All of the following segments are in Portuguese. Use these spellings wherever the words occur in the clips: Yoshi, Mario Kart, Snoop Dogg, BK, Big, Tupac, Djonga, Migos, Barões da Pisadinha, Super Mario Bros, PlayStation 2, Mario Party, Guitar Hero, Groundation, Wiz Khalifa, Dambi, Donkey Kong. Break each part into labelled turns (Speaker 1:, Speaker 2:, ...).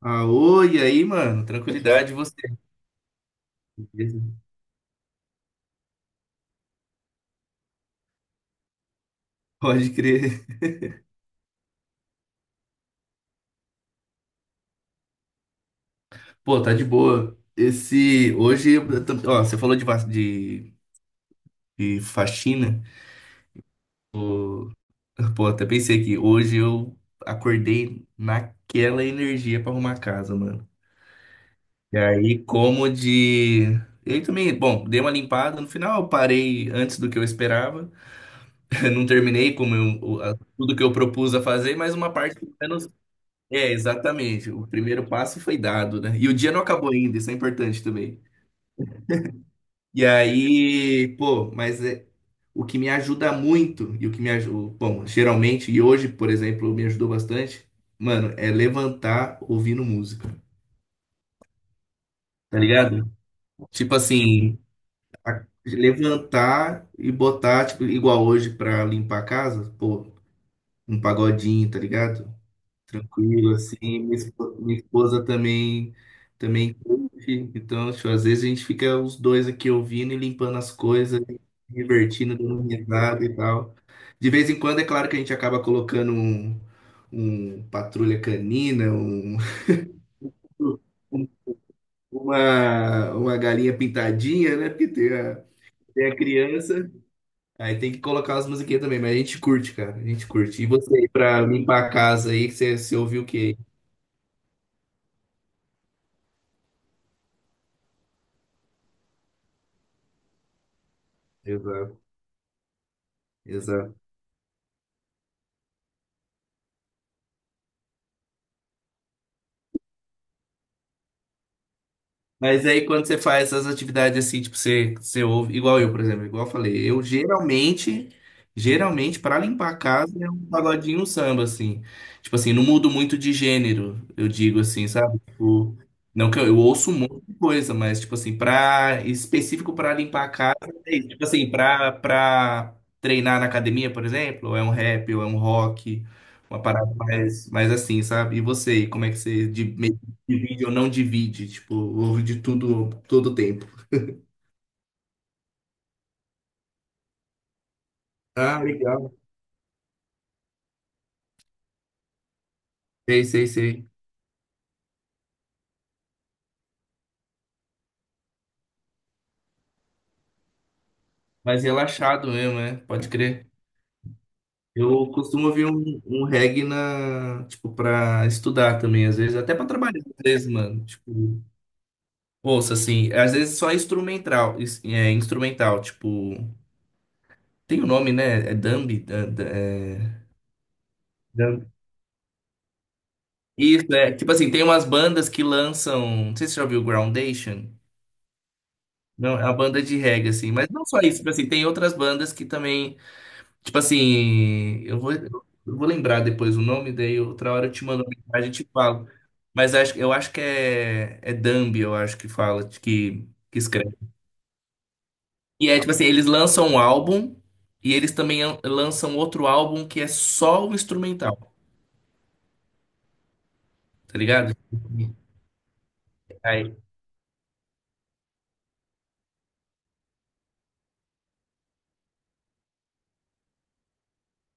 Speaker 1: Ah, oi, e aí, mano? Tranquilidade, e você? Beleza? Pode crer. Pô, tá de boa. Esse, hoje, você falou de, de faxina. Pô, até pensei aqui, hoje eu acordei naquela energia pra arrumar a casa, mano. E aí, como de... Eu também, bom, dei uma limpada. No final, eu parei antes do que eu esperava. Não terminei como tudo que eu propus a fazer, mas uma parte. É, exatamente. O primeiro passo foi dado, né? E o dia não acabou ainda, isso é importante também. E aí, pô, mas é, o que me ajuda muito, e o que me ajuda, bom, geralmente, e hoje, por exemplo, me ajudou bastante, mano, é levantar ouvindo música, tá ligado? Tipo assim, levantar e botar, tipo, igual hoje pra limpar a casa, pô, um pagodinho, tá ligado? Tranquilo, assim. Minha esposa também, também curte. Então, tipo, às vezes a gente fica os dois aqui ouvindo e limpando as coisas, divertindo, dando risada e tal. De vez em quando, é claro que a gente acaba colocando um patrulha canina, um, um- uma galinha pintadinha, né? Porque tem tem a criança. Aí tem que colocar as musiquinhas também, mas a gente curte, cara. A gente curte. E você aí, pra limpar a casa aí, você ouviu o quê? Exato. Exato. Mas aí quando você faz essas atividades assim, tipo, você ouve, igual eu, por exemplo, igual eu falei, geralmente, pra limpar a casa é um pagodinho, um samba, assim. Tipo assim, não mudo muito de gênero, eu digo assim, sabe? Tipo, não que eu ouço um monte de coisa, mas tipo assim, específico pra limpar a casa, é isso. Tipo assim, pra treinar na academia, por exemplo, ou é um rap, ou é um rock, uma parada mais assim, sabe? E você, como é que você divide, ou não divide, tipo, ouve de tudo, todo o tempo. Ah, legal. Sei, sei, sei. Mas relaxado mesmo, né? Pode crer. Eu costumo ouvir um reggae na, tipo, pra estudar também, às vezes, até pra trabalhar, às vezes, mano. Tipo, ouça, assim, às vezes só instrumental, instrumental, tipo, tem o nome, né? É Dambi? Dambi. Isso, é. Tipo assim, tem umas bandas que lançam, não sei se você já ouviu Groundation. Não, é a banda de reggae, assim. Mas não só isso, tipo assim, tem outras bandas que também. Tipo assim, eu vou lembrar depois o nome, daí outra hora eu te mando uma mensagem e te falo. Mas acho, eu acho que é, é Dambi, eu acho que fala, que escreve. E é tipo assim, eles lançam um álbum e eles também lançam outro álbum que é só o instrumental, tá ligado?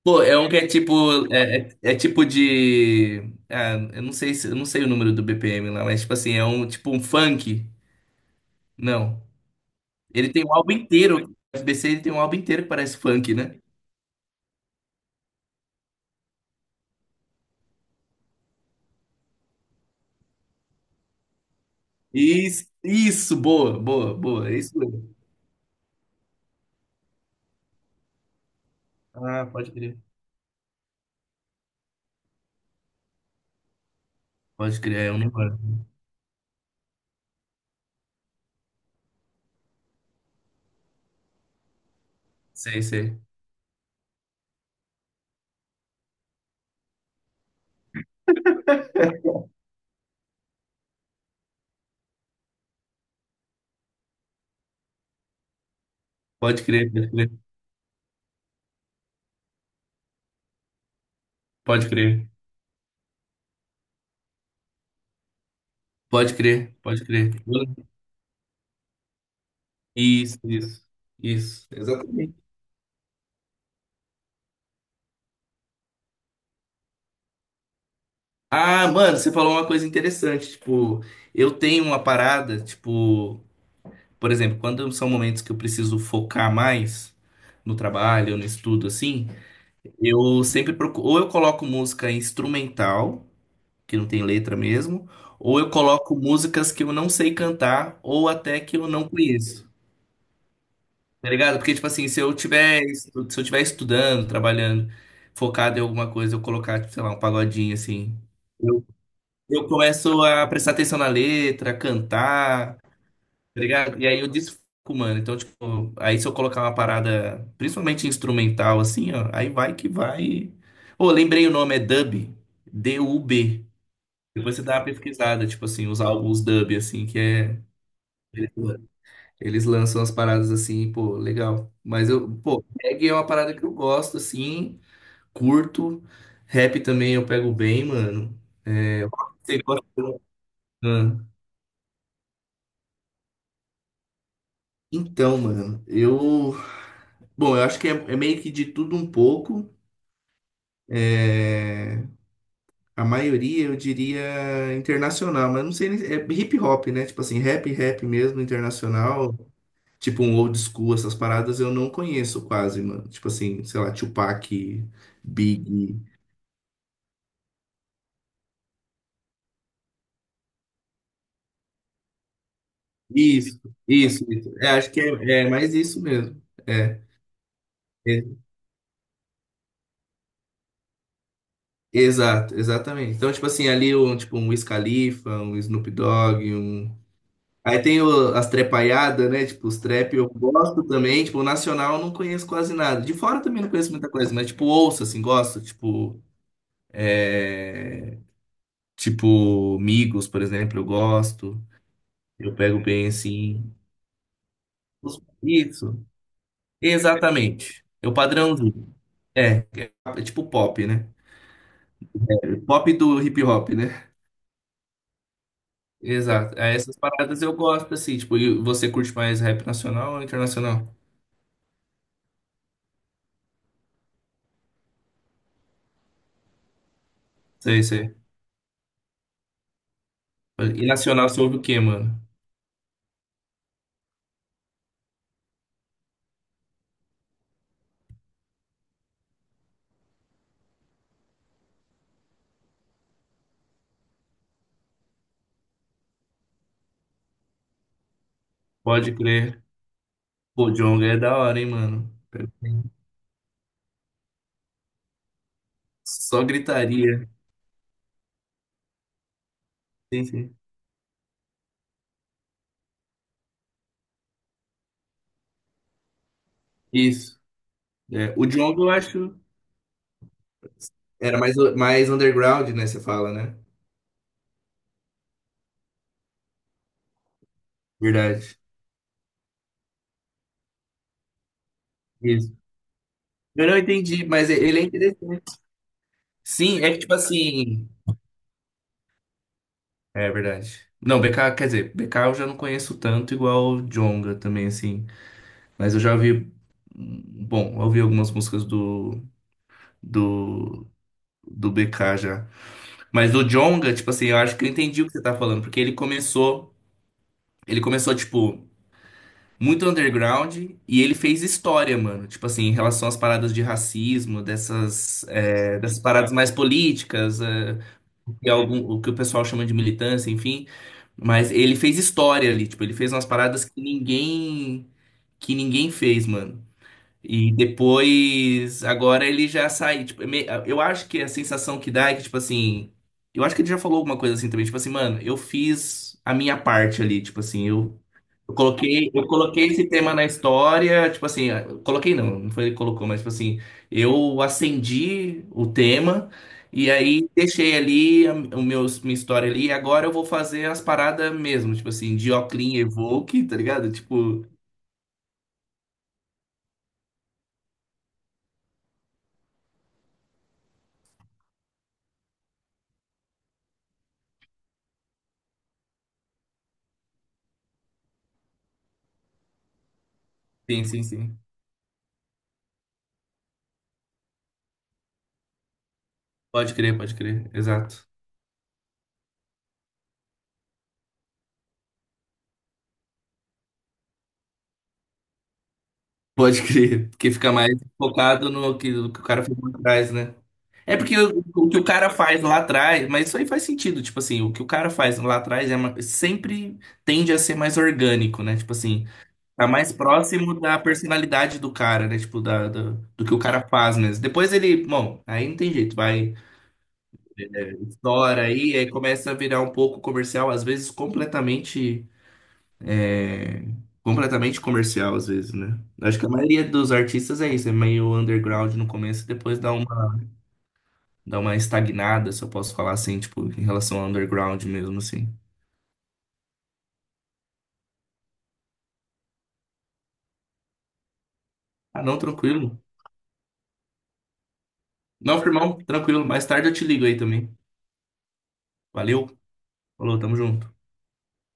Speaker 1: Pô, é um que é tipo. É, é tipo de. Ah, eu não sei se, eu não sei o número do BPM lá, mas tipo assim, é um tipo um funk. Não. Ele tem um álbum inteiro. O F B c ele tem um álbum inteiro que parece funk, né? Isso, boa, boa, boa. É isso mesmo. Ah, pode crer. Pode crer, é um número. Sei, sei. Pode crer, pode crer. Pode crer. Pode crer, pode crer. Isso, isso. Isso, exatamente. Ah, mano, você falou uma coisa interessante. Tipo, eu tenho uma parada, tipo, por exemplo, quando são momentos que eu preciso focar mais no trabalho, no estudo, assim, eu sempre procuro, ou eu coloco música instrumental, que não tem letra mesmo, ou eu coloco músicas que eu não sei cantar, ou até que eu não conheço. Tá ligado? Porque, tipo assim, se eu tiver, se eu tiver estudando, trabalhando, focado em alguma coisa, eu colocar, tipo, sei lá, um pagodinho assim. Eu começo a prestar atenção na letra, a cantar, tá ligado? E aí eu desfoco, mano. Então, tipo, aí se eu colocar uma parada, principalmente instrumental, assim, ó, aí vai que vai. Ô, lembrei o nome, é dub. D-U-B. Depois você dá uma pesquisada, tipo assim, os álbuns dub, assim, que é. Eles lançam as paradas assim, pô, legal. Mas eu, pô, reggae é uma parada que eu gosto, assim, curto. Rap também eu pego bem, mano. Você gosta? Ah. Então, mano, eu. Bom, eu acho que é, é meio que de tudo um pouco. É, a maioria eu diria internacional, mas não sei, é hip hop, né? Tipo assim, rap mesmo, internacional. Tipo um old school, essas paradas eu não conheço quase, mano. Tipo assim, sei lá, Tupac, Big. Isso, isso, isso. É, acho que é, é mais isso mesmo. É, é, exato, exatamente. Então, tipo assim, ali um, tipo, um Wiz Khalifa, um Snoop Dogg, um. Aí tem as trepaiadas, né? Tipo, os trap eu gosto também. Tipo, o nacional eu não conheço quase nada. De fora também não conheço muita coisa, mas tipo, ouço, assim, gosto. Tipo, é... tipo, Migos, por exemplo, eu gosto. Eu pego bem, assim. Isso, exatamente. É o padrãozinho. É tipo pop, né? Pop do hip hop, né? Exato. Aí essas paradas eu gosto, assim. Tipo, e você curte mais rap nacional ou internacional? Sei, sei. E nacional você ouve o quê, mano? Pode crer. Pô, Djonga é da hora, hein, mano? Só gritaria. Sim, sim. Isso. É, o Djonga, eu acho, era mais, mais underground, né? Você fala, né? Verdade. Isso. Eu não entendi, mas ele é interessante. Sim, é que tipo assim. É verdade. Não, BK, quer dizer, BK eu já não conheço tanto igual o Djonga também, assim. Mas eu já ouvi. Bom, eu ouvi algumas músicas do, do BK já. Mas o Djonga, tipo assim, eu acho que eu entendi o que você tá falando, porque ele começou. Ele começou, tipo, muito underground e ele fez história, mano. Tipo assim, em relação às paradas de racismo, dessas, é, dessas paradas mais políticas, é, e algum, o que o pessoal chama de militância, enfim. Mas ele fez história ali, tipo, ele fez umas paradas que que ninguém fez, mano. E depois, agora ele já sai, tipo, é eu acho que a sensação que dá é que, tipo assim, eu acho que ele já falou alguma coisa assim também, tipo assim, mano, eu fiz a minha parte ali, tipo assim, eu coloquei esse tema na história, tipo assim, eu coloquei não, não foi ele que colocou, mas tipo assim, eu acendi o tema e aí deixei ali o meu, minha história ali, e agora eu vou fazer as paradas mesmo, tipo assim, Dioclin Evoque, tá ligado? Tipo, sim, sim, sim. Pode crer, exato. Pode crer, porque fica mais focado no que, no que o cara foi por trás, né? É porque o que o cara faz lá atrás, mas isso aí faz sentido, tipo assim, o que o cara faz lá atrás é sempre tende a ser mais orgânico, né? Tipo assim, tá mais próximo da personalidade do cara, né? Tipo, da- do que o cara faz mesmo. Depois ele, bom, aí não tem jeito, vai, estoura aí, aí começa a virar um pouco comercial, às vezes completamente, é, completamente comercial, às vezes, né? Acho que a maioria dos artistas é isso, é meio underground no começo, depois dá um dar uma estagnada, se eu posso falar assim, tipo, em relação ao underground mesmo, assim. Ah, não, tranquilo. Não, firmão, tranquilo. Mais tarde eu te ligo aí também. Valeu, falou, tamo junto.